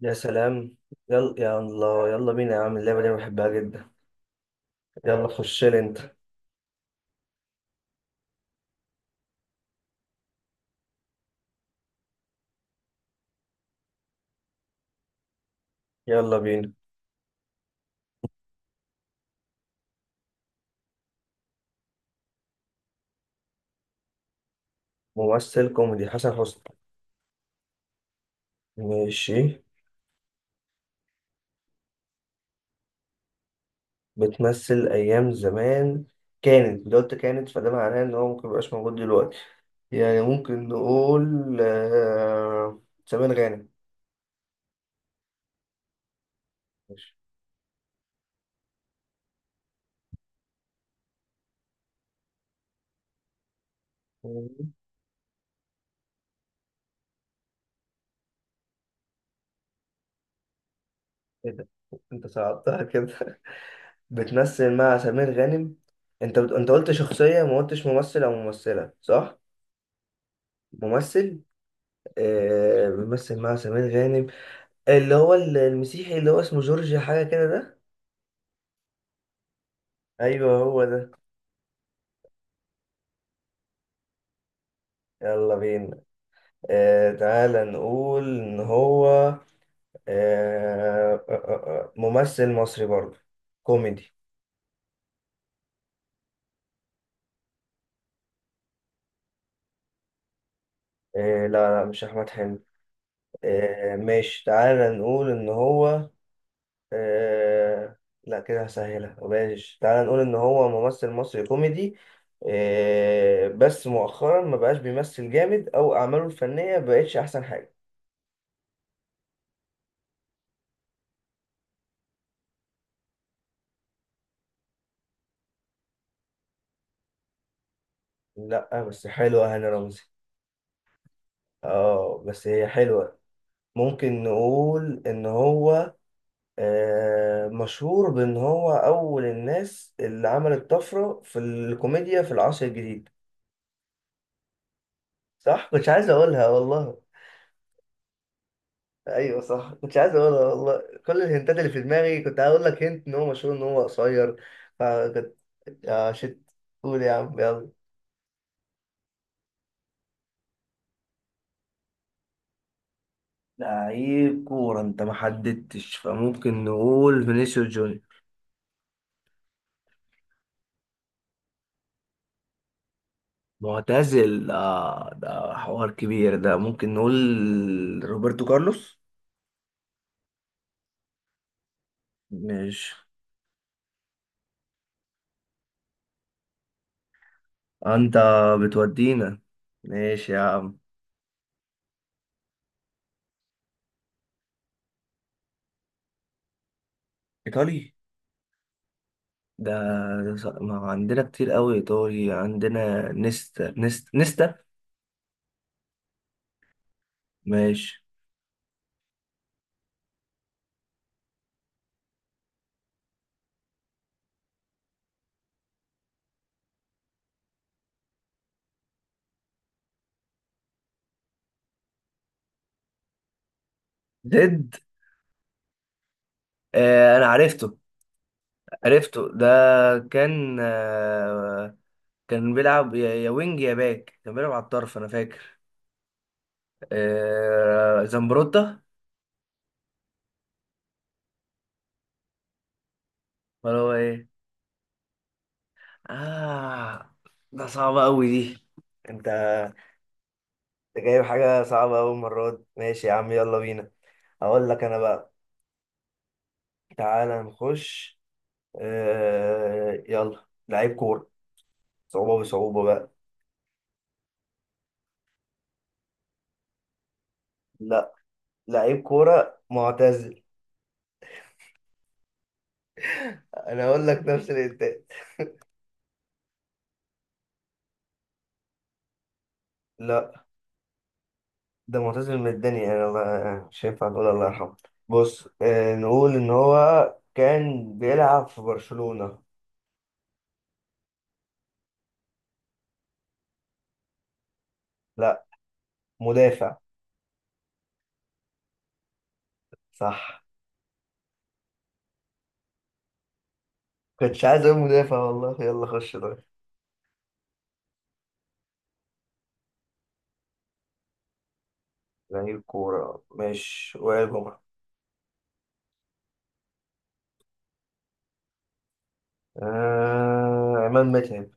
يا سلام. يلا يا الله، يلا بينا يا عم، اللعبة دي أنا بحبها جدا. يلا خش لي انت، يلا بينا. ممثل كوميدي، حسن حسني. ماشي. بتمثل أيام زمان. كانت، لو قلت كانت فده معناه إن هو ممكن ميبقاش موجود دلوقتي. يعني ممكن نقول سمير غانم. ماشي. ايه ده، انت صعبتها كده. بتمثل مع سمير غانم. انت قلت شخصية، ما قلتش ممثل أو ممثلة، صح؟ ممثل. بيمثل مع سمير غانم، اللي هو المسيحي، اللي هو اسمه جورج حاجة كده ده. ايوه هو ده. يلا بينا. تعالى نقول ان هو ممثل مصري برضه، كوميدي. لا لا، مش احمد حلمي. آه، ماشي. تعالى نقول ان هو آه لا، كده هسهلها. ماشي، تعال نقول ان هو ممثل مصري كوميدي، بس مؤخرا ما بقاش بيمثل جامد، او اعماله الفنية بقتش احسن حاجة. لا بس حلوة هاني رمزي. اه بس هي حلوة. ممكن نقول ان هو مشهور بان هو اول الناس اللي عملت طفرة في الكوميديا في العصر الجديد. صح، كنتش عايز اقولها والله. ايوه صح، كنت عايز اقولها والله. كل الهنتات اللي في دماغي كنت هقول لك هنت ان هو مشهور ان هو قصير. فكنت يا شت، قول يا عم، يلا. لعيب كورة، انت ما حددتش، فممكن نقول فينيسيوس جونيور. معتزل، آه، ده حوار كبير. ده ممكن نقول روبرتو كارلوس. ماشي. انت بتودينا. ماشي يا عم. ايطالي. ده ما عندنا كتير قوي ايطالي، عندنا نيستا، نيستا، نيستا. ماشي. ديد. انا عرفته، عرفته ده. كان آه كان بيلعب، يا وينج يا باك، كان بيلعب على الطرف انا فاكر. زمبروتا. ولا هو ايه. اه، ده صعبة قوي دي. انت انت جايب حاجة صعبة قوي المرة دي. ماشي يا عم، يلا بينا. اقول لك انا بقى، تعالى نخش. يلا، لعيب كورة، بصعوبة بقى. لا، لعيب كورة معتزل. انا اقول لك نفس الانتاج. لا، ده معتزل من الدنيا يعني، الله، مش هينفع نقول الله يرحمه. بص، نقول إن هو كان بيلعب في برشلونة. لا، مدافع. صح، كنتش عايز أقول مدافع والله. يلا خش طيب. لعيب كورة، ماشي، وائل جمعة. عماد متعب.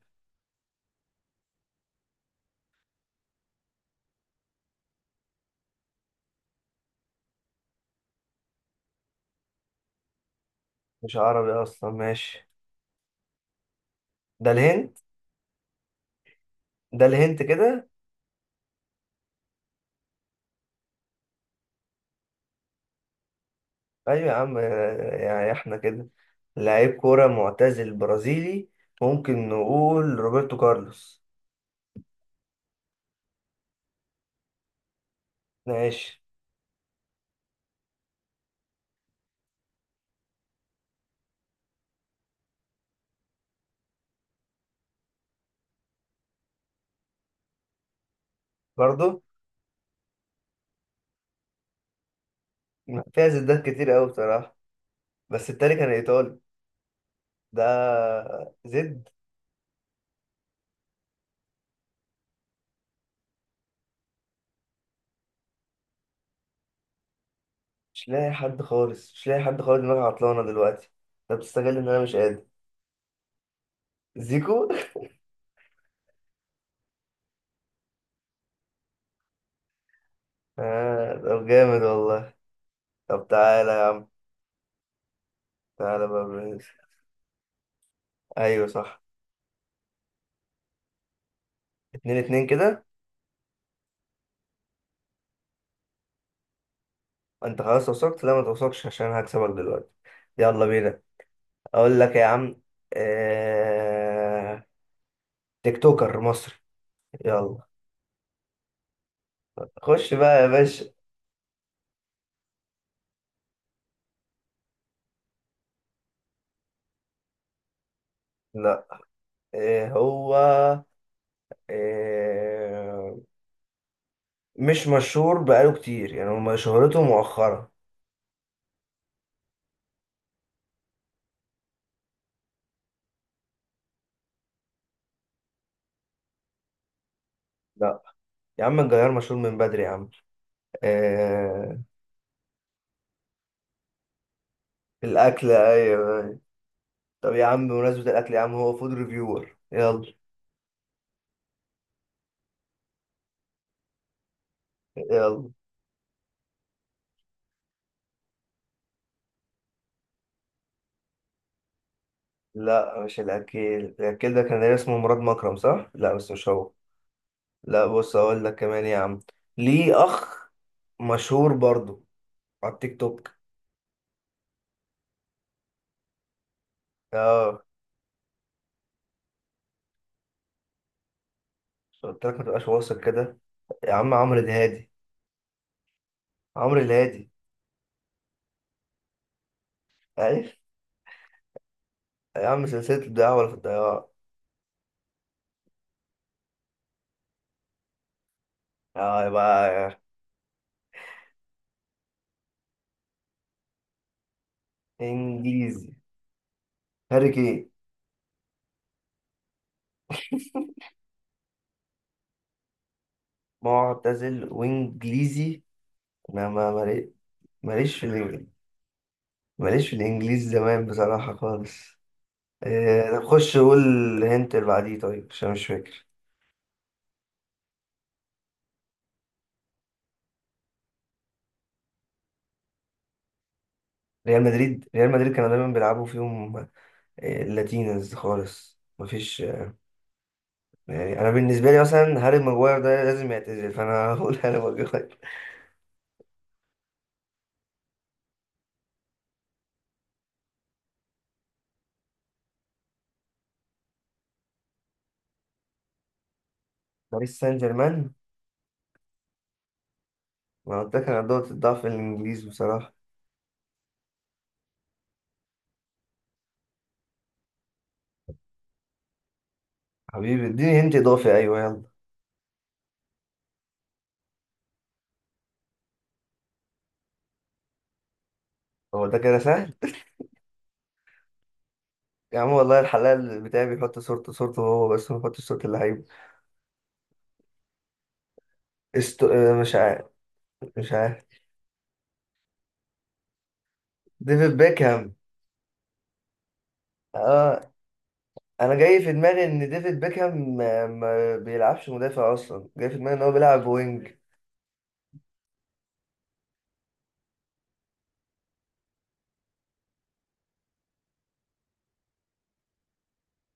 مش عربي أصلا، ماشي. ده الهند، ده الهند كده. أيوة يا عم، يعني إحنا كده. لعيب كورة معتزل برازيلي، ممكن نقول روبرتو كارلوس. ماشي. برضه فيها زدات كتير قوي بصراحة. بس التاني كان إيطالي. ده زد. مش لاقي حد خالص، مش لاقي حد خالص، دماغي عطلانة دلوقتي. طب بتستغل إن أنا مش قادر. زيكو. آه، طب جامد والله. طب تعالى يا عم، تعالى بقى أيوة صح. اتنين اتنين كده. أنت خلاص وصلت، لا ما توصلش عشان هكسبك دلوقتي. يلا بينا. أقول لك يا عم، آه... تيك توكر مصري. يلا، خش بقى يا باشا. لا. إيه هو؟ آه، مش مشهور بقاله كتير يعني، هو شهرته مؤخرة. لا يا عم، الجزائر مشهور من بدري يا عم. آه، الأكل، أيوه أيوه. طب يا عم بمناسبة الأكل، يا عم هو فود ريفيور، يلا. يلا. لا، مش الأكل. الأكل ده كان اسمه مراد مكرم، صح؟ لا بس مش هو. لا، بص أقول لك كمان يا عم. ليه أخ، مشهور برضو على التيك توك. اه. قلت لك ما تبقاش واثق كده. يا عم عمرو الهادي. عمرو الهادي. أيوه. يا عم سلسلة الدعاء، ولا في الطيارة. اه يبقى انجليزي. هاري كين. معتزل وانجليزي. انا ما مالي- ماليش في الانجليزي، ماليش في الانجليزي زمان بصراحة خالص. إيه؟ طب خش قول الهنت اللي بعديه طيب عشان مش فاكر. ريال مدريد، ريال مدريد كانوا دايما بيلعبوا فيهم. لاتينز خالص. مفيش. يعني انا بالنسبة لي مثلا، هاري ماجواير ده لازم يعتزل، فانا هقول هاري ماجواير. باريس سان جيرمان. ما قلت لك انا دوت الضعف الانجليزي بصراحة. حبيبي اديني هنت اضافي، ايوه يلا. هو ده كده سهل. يا عم والله الحلال بتاعي بيحط صورته، صورته هو بس، ما بيحطش صورة اللعيب. استو... آه، مش عارف، مش عارف. ديفيد بيكهام. اه، انا جاي في دماغي ان ديفيد بيكهام ما بيلعبش مدافع اصلا، جاي في دماغي ان هو بيلعب وينج.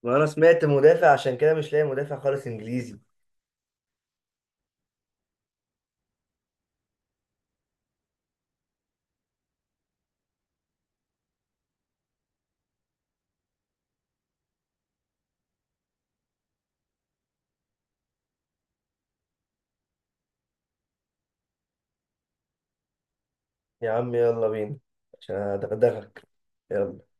وانا سمعت مدافع، عشان كده مش لاقي مدافع خالص انجليزي. يا عم يلا بينا عشان ادغدغك. يلا.